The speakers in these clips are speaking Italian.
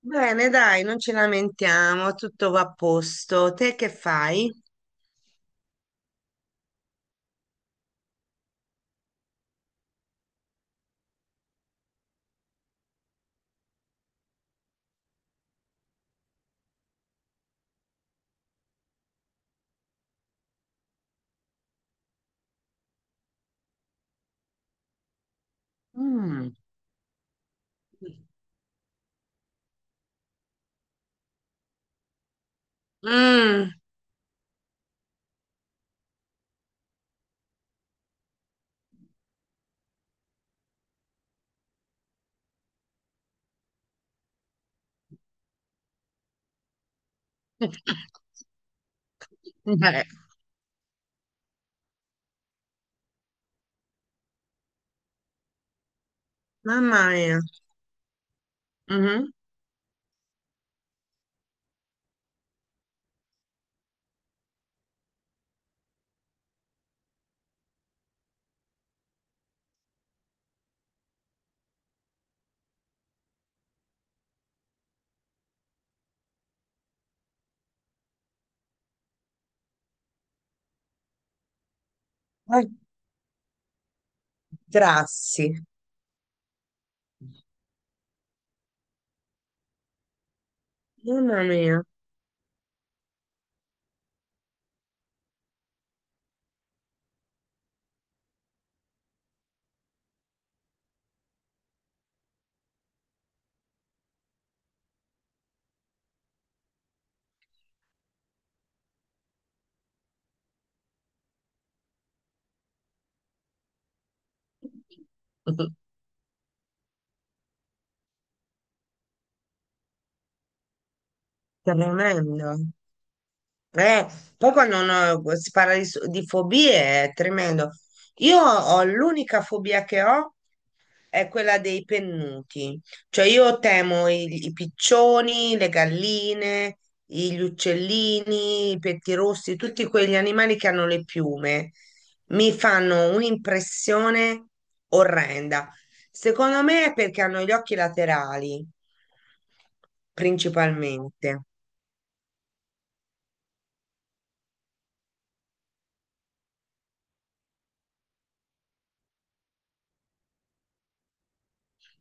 Bene, dai, non ci lamentiamo, tutto va a posto. Te che fai? Mm. Mm. Eh, mamma mia. Mhm. Ai, grassi. Mamma mia. Tremendo. Eh, Poi quando uno si parla di fobie è tremendo. Io ho l'unica fobia che ho, è quella dei pennuti. Cioè io temo i piccioni, le galline, gli uccellini, i pettirossi, tutti quegli animali che hanno le piume. Mi fanno un'impressione orrenda. Secondo me è perché hanno gli occhi laterali, principalmente.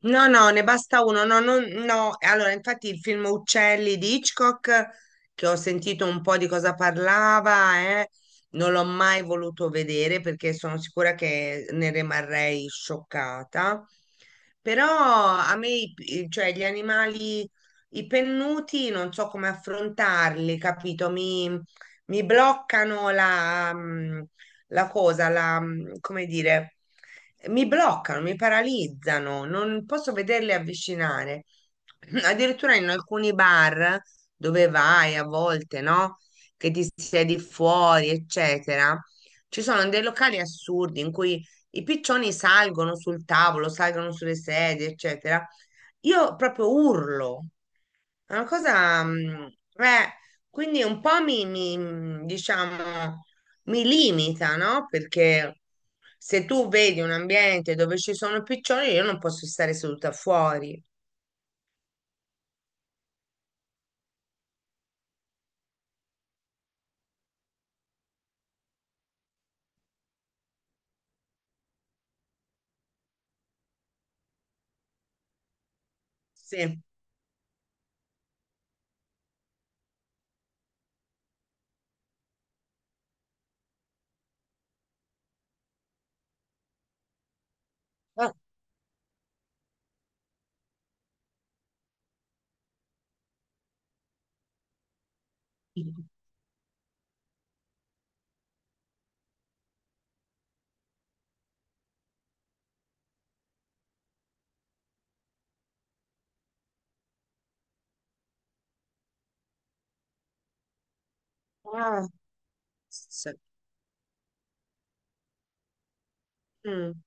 No, no, ne basta uno. No, no, no. Allora, infatti il film Uccelli di Hitchcock, che ho sentito un po' di cosa parlava, non l'ho mai voluto vedere perché sono sicura che ne rimarrei scioccata. Però a me, cioè, gli animali, i pennuti, non so come affrontarli, capito? Mi bloccano la cosa, come dire, mi bloccano, mi paralizzano, non posso vederle avvicinare. Addirittura in alcuni bar dove vai a volte, no? Che ti siedi fuori, eccetera. Ci sono dei locali assurdi in cui i piccioni salgono sul tavolo, salgono sulle sedie, eccetera. Io proprio urlo, è una cosa, eh, quindi un po' mi, diciamo, mi limita, no? Perché se tu vedi un ambiente dove ci sono piccioni, io non posso stare seduta fuori. Sì. Ah. Ah. Sì. Mm.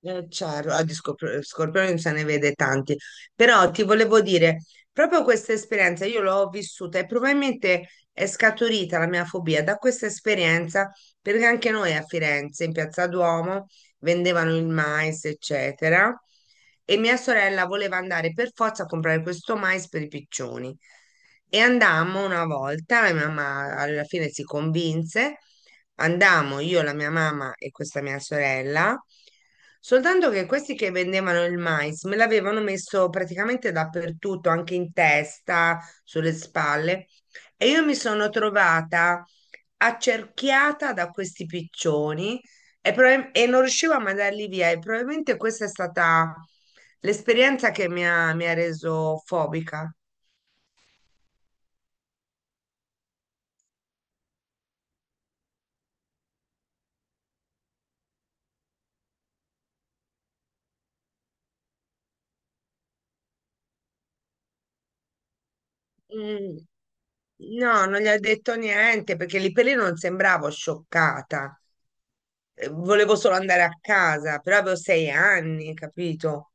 Certo, di scorpioni se ne vede tanti, però ti volevo dire, proprio questa esperienza io l'ho vissuta e probabilmente è scaturita la mia fobia da questa esperienza, perché anche noi a Firenze, in Piazza Duomo, vendevano il mais, eccetera, e mia sorella voleva andare per forza a comprare questo mais per i piccioni. E andammo una volta, la mia mamma alla fine si convinse, andammo io, la mia mamma e questa mia sorella. Soltanto che questi che vendevano il mais me l'avevano messo praticamente dappertutto, anche in testa, sulle spalle, e io mi sono trovata accerchiata da questi piccioni e non riuscivo a mandarli via. E probabilmente questa è stata l'esperienza che mi ha reso fobica. Mm. No, non gli ho detto niente perché lì per lì non sembravo scioccata. Volevo solo andare a casa, però avevo sei anni, capito?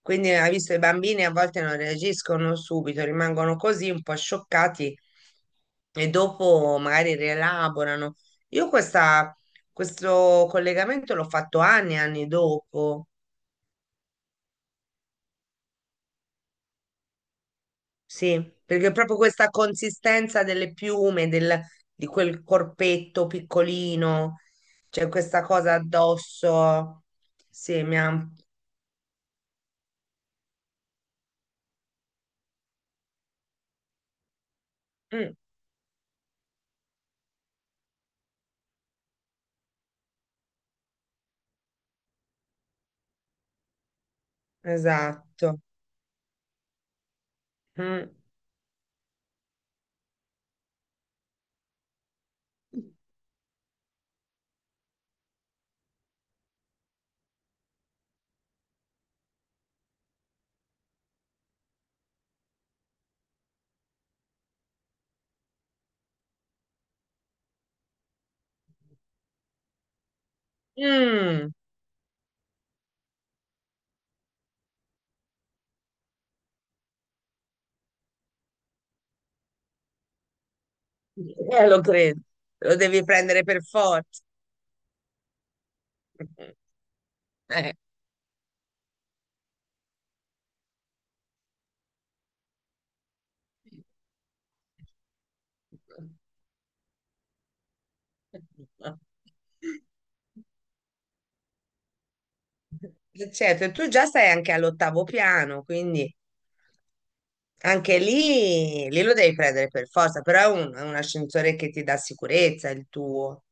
Quindi hai visto, i bambini a volte non reagiscono subito, rimangono così un po' scioccati e dopo magari rielaborano. Io questo collegamento l'ho fatto anni e anni dopo, sì, perché proprio questa consistenza delle piume, di quel corpetto piccolino, c'è questa cosa addosso, sì, mi ha. Mm. Esatto. Mm. Mm. Lo credo, lo devi prendere per forza. Eh. Certo, e tu già stai anche all'ottavo piano, quindi anche lì lo devi prendere per forza, però è un ascensore che ti dà sicurezza, il tuo.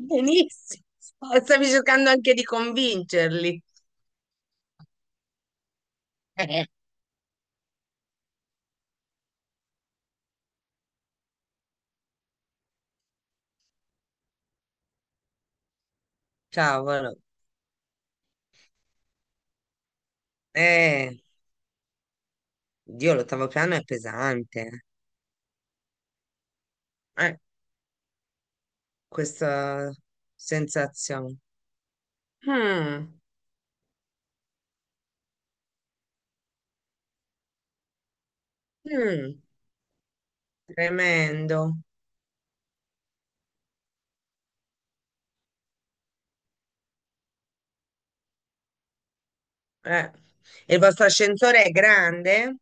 Benissimo, stavi cercando anche di convincerli. Eh. Cavolo, eh, Dio, l'ottavo piano è pesante. Eh. Eh, Questa sensazione. Mm, mm, Tremendo. Eh. E il vostro ascensore è grande?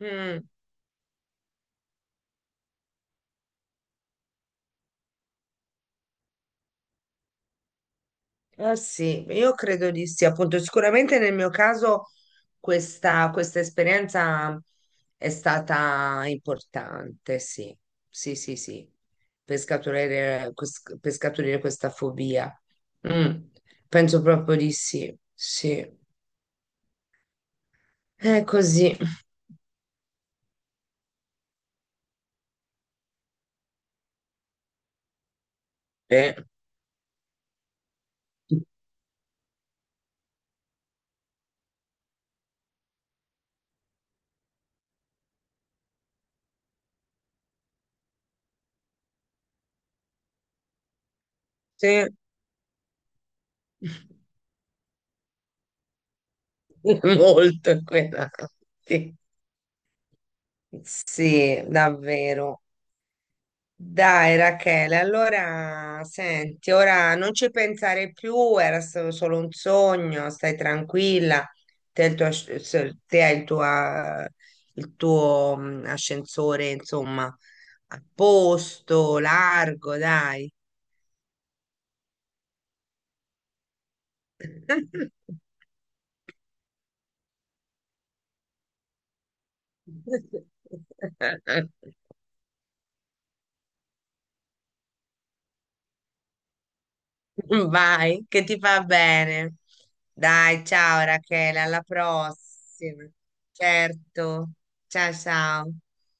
Mm, eh sì, io credo di sì. Appunto, sicuramente nel mio caso questa esperienza è stata importante, sì. Sì, sì, sì. Per scaturire questa fobia. Mm, penso proprio di sì. Sì. È così. Eh. Sì, molto inquietanti. Sì, davvero. Dai, Rachele, allora senti, ora non ci pensare più, era stato solo un sogno, stai tranquilla, te, e il tuo te hai il tuo, eh, ascensore, insomma, a posto, largo, dai. Vai, che ti fa bene. Dai, ciao Rachele, alla prossima. Certo. Ciao, ciao.